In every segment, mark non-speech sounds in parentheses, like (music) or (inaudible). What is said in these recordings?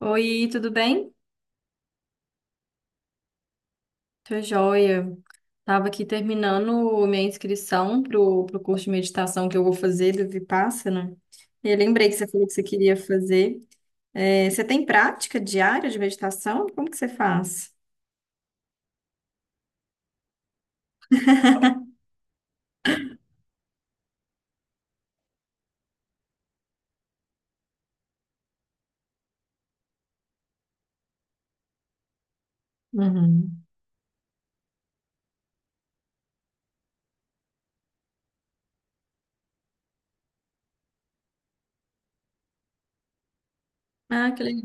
Oi, tudo bem? Tô joia. Tava aqui terminando minha inscrição pro curso de meditação que eu vou fazer do Vipassana. E eu lembrei que você falou que você queria fazer. É, você tem prática diária de meditação? Como que você faz? Uhum. Ah, que legal.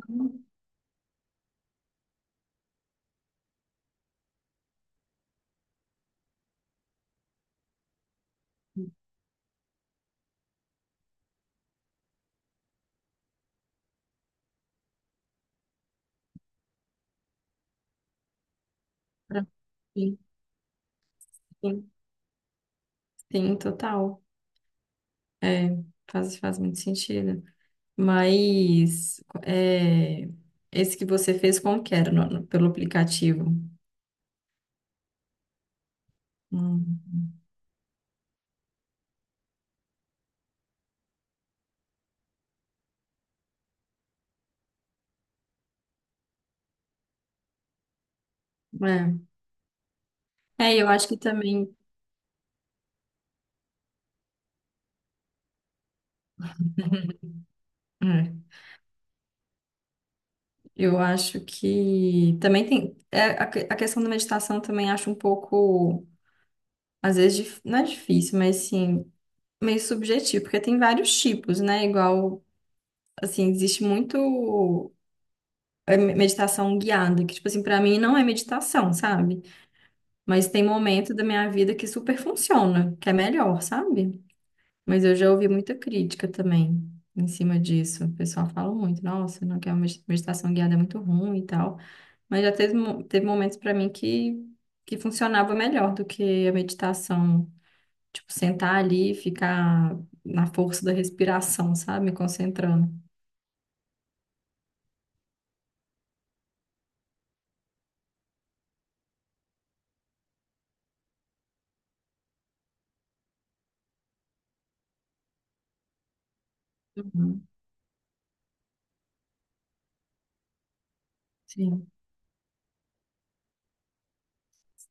Pra- Sim, sim, sim, total. É, faz muito sentido. Mas é, esse que você fez como que era? Pelo aplicativo? Hum, é. É, eu acho que também. (laughs) É, eu acho que também tem a questão da meditação, também acho um pouco, às vezes, não é difícil, mas sim meio subjetivo, porque tem vários tipos, né? Igual, assim, existe muito meditação guiada que, tipo assim, para mim não é meditação, sabe? Mas tem momento da minha vida que super funciona, que é melhor, sabe? Mas eu já ouvi muita crítica também em cima disso. O pessoal fala muito: nossa, não quer meditação guiada, é muito ruim e tal. Mas já teve, teve momentos para mim que funcionava melhor do que a meditação. Tipo, sentar ali e ficar na força da respiração, sabe? Me concentrando. Uhum. Sim,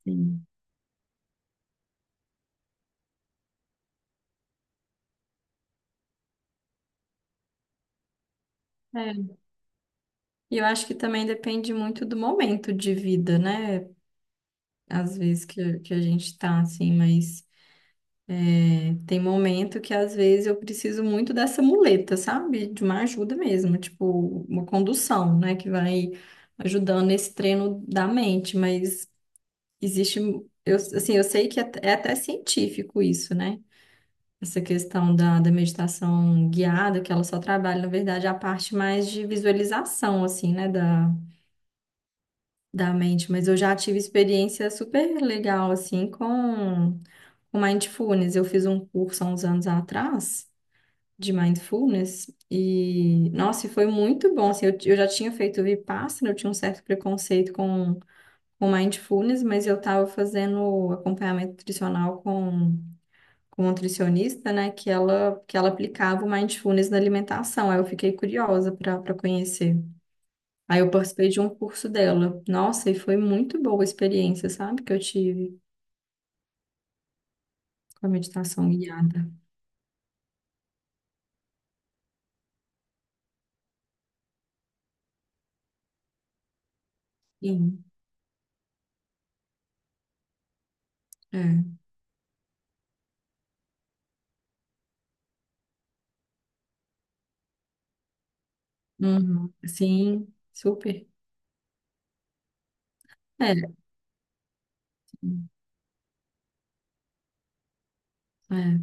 sim. É. E eu acho que também depende muito do momento de vida, né? Às vezes que a gente tá assim, mas é, tem momento que, às vezes, eu preciso muito dessa muleta, sabe? De uma ajuda mesmo, tipo, uma condução, né? Que vai ajudando nesse treino da mente, mas. Existe, eu, assim, eu sei que é até científico isso, né? Essa questão da, da meditação guiada, que ela só trabalha, na verdade, a parte mais de visualização, assim, né, da mente. Mas eu já tive experiência super legal, assim, com mindfulness. Eu fiz um curso há uns anos atrás de mindfulness e, nossa, e foi muito bom, assim, eu já tinha feito Vipassana, eu tinha um certo preconceito com o mindfulness, mas eu estava fazendo acompanhamento nutricional com um nutricionista, né? Que ela aplicava o mindfulness na alimentação. Aí eu fiquei curiosa para conhecer. Aí eu participei de um curso dela. Nossa, e foi muito boa a experiência, sabe? Que eu tive com a meditação guiada. Sim, é. Uhum. Sim, super. É, é,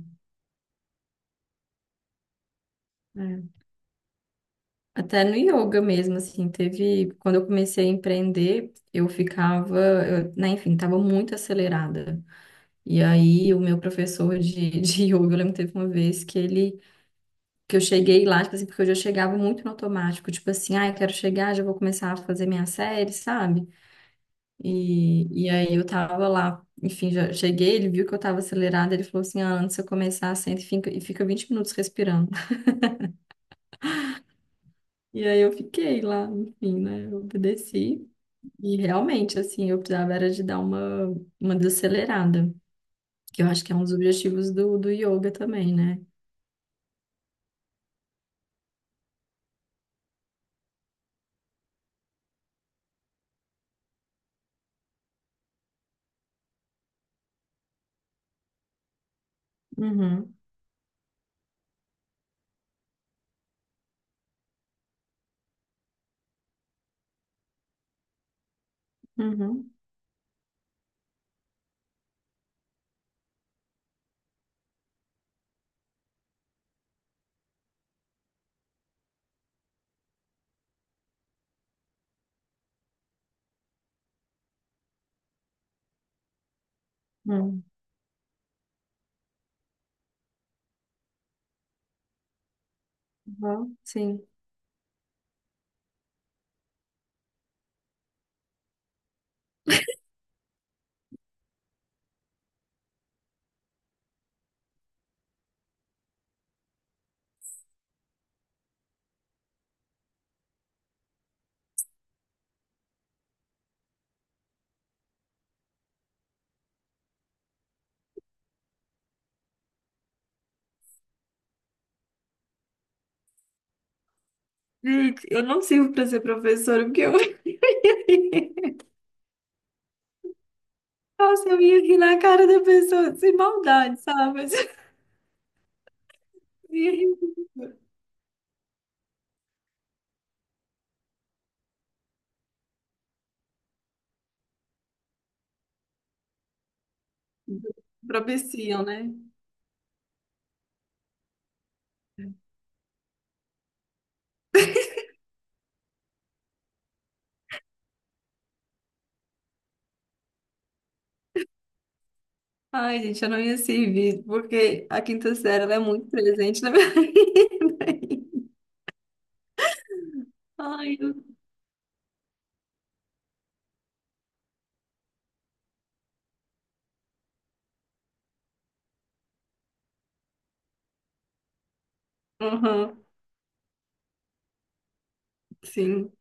é. Até no yoga mesmo, assim, teve. Quando eu comecei a empreender, eu ficava, eu, né, enfim, estava muito acelerada. E aí, o meu professor de, (laughs) de yoga, eu lembro que teve uma vez que eu cheguei lá, tipo assim, porque eu já chegava muito no automático, tipo assim, ah, eu quero chegar, já vou começar a fazer minha série, sabe? E aí, eu tava lá, enfim, já cheguei, ele viu que eu tava acelerada, ele falou assim: ah, antes de eu começar, senta e fica 20 minutos respirando. (laughs) E aí, eu fiquei lá, enfim, né, eu obedeci. E realmente, assim, eu precisava era de dar uma desacelerada, que eu acho que é um dos objetivos do, do yoga também, né? Uhum, uhum, uhum, uhum, sim. Gente, eu não sirvo para ser professora, porque eu... (laughs) Nossa, eu ia rir na cara da pessoa, sem maldade, sabe? Mas eu ia rir. Propiciam, né? Ai, gente, eu não ia servir, porque a quinta série, ela é muito presente na minha (laughs) vida. Ai, eu... Uhum, sim.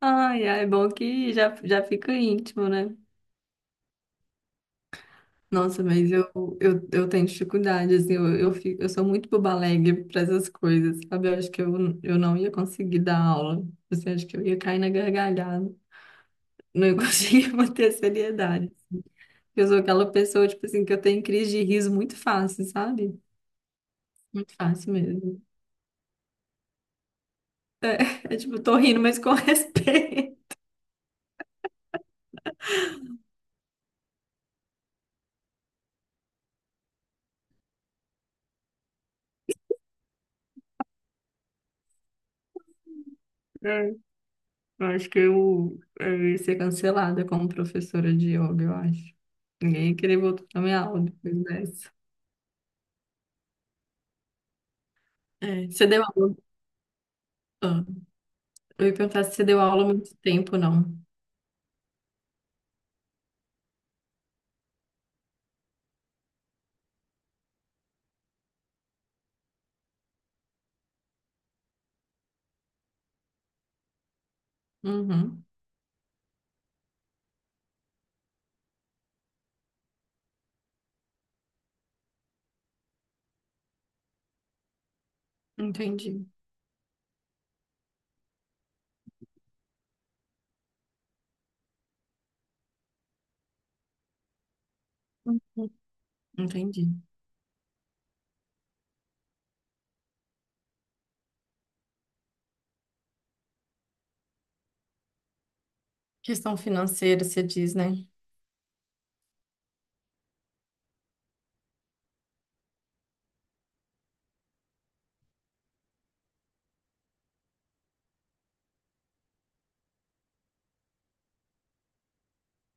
Ai, ai, é bom que já, já fica íntimo, né? Nossa, mas eu, eu tenho dificuldade, assim, eu sou muito boba alegre para essas coisas, sabe? Eu acho que eu não ia conseguir dar aula, assim, acho que eu ia cair na gargalhada, não ia (laughs) conseguir manter a seriedade. Eu sou aquela pessoa, tipo assim, que eu tenho crise de riso muito fácil, sabe? Muito fácil mesmo. É, (laughs) é tipo, tô rindo, mas com (laughs) respeito. Eu acho que eu ia ser cancelada como professora de yoga, eu acho. Ninguém ia querer voltar na minha aula depois dessa. É, você deu aula? Ah, eu ia perguntar se você deu aula há muito tempo, não. Uhum, entendi. Uhum, entendi. Questão financeira, você diz, né?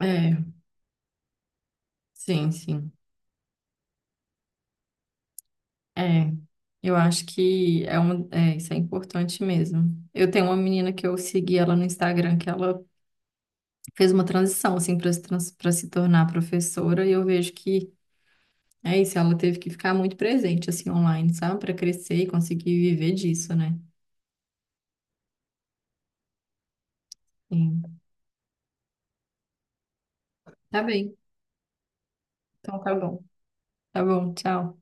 É, sim, sim. É, eu acho que é uma, é, isso é importante mesmo. Eu tenho uma menina que eu segui ela no Instagram, que ela fez uma transição, assim, para se, trans- pra se tornar professora, e eu vejo que é isso. Ela teve que ficar muito presente, assim, online, sabe? Para crescer e conseguir viver disso, né? Sim. Tá bem. Então tá bom. Tá bom, tchau.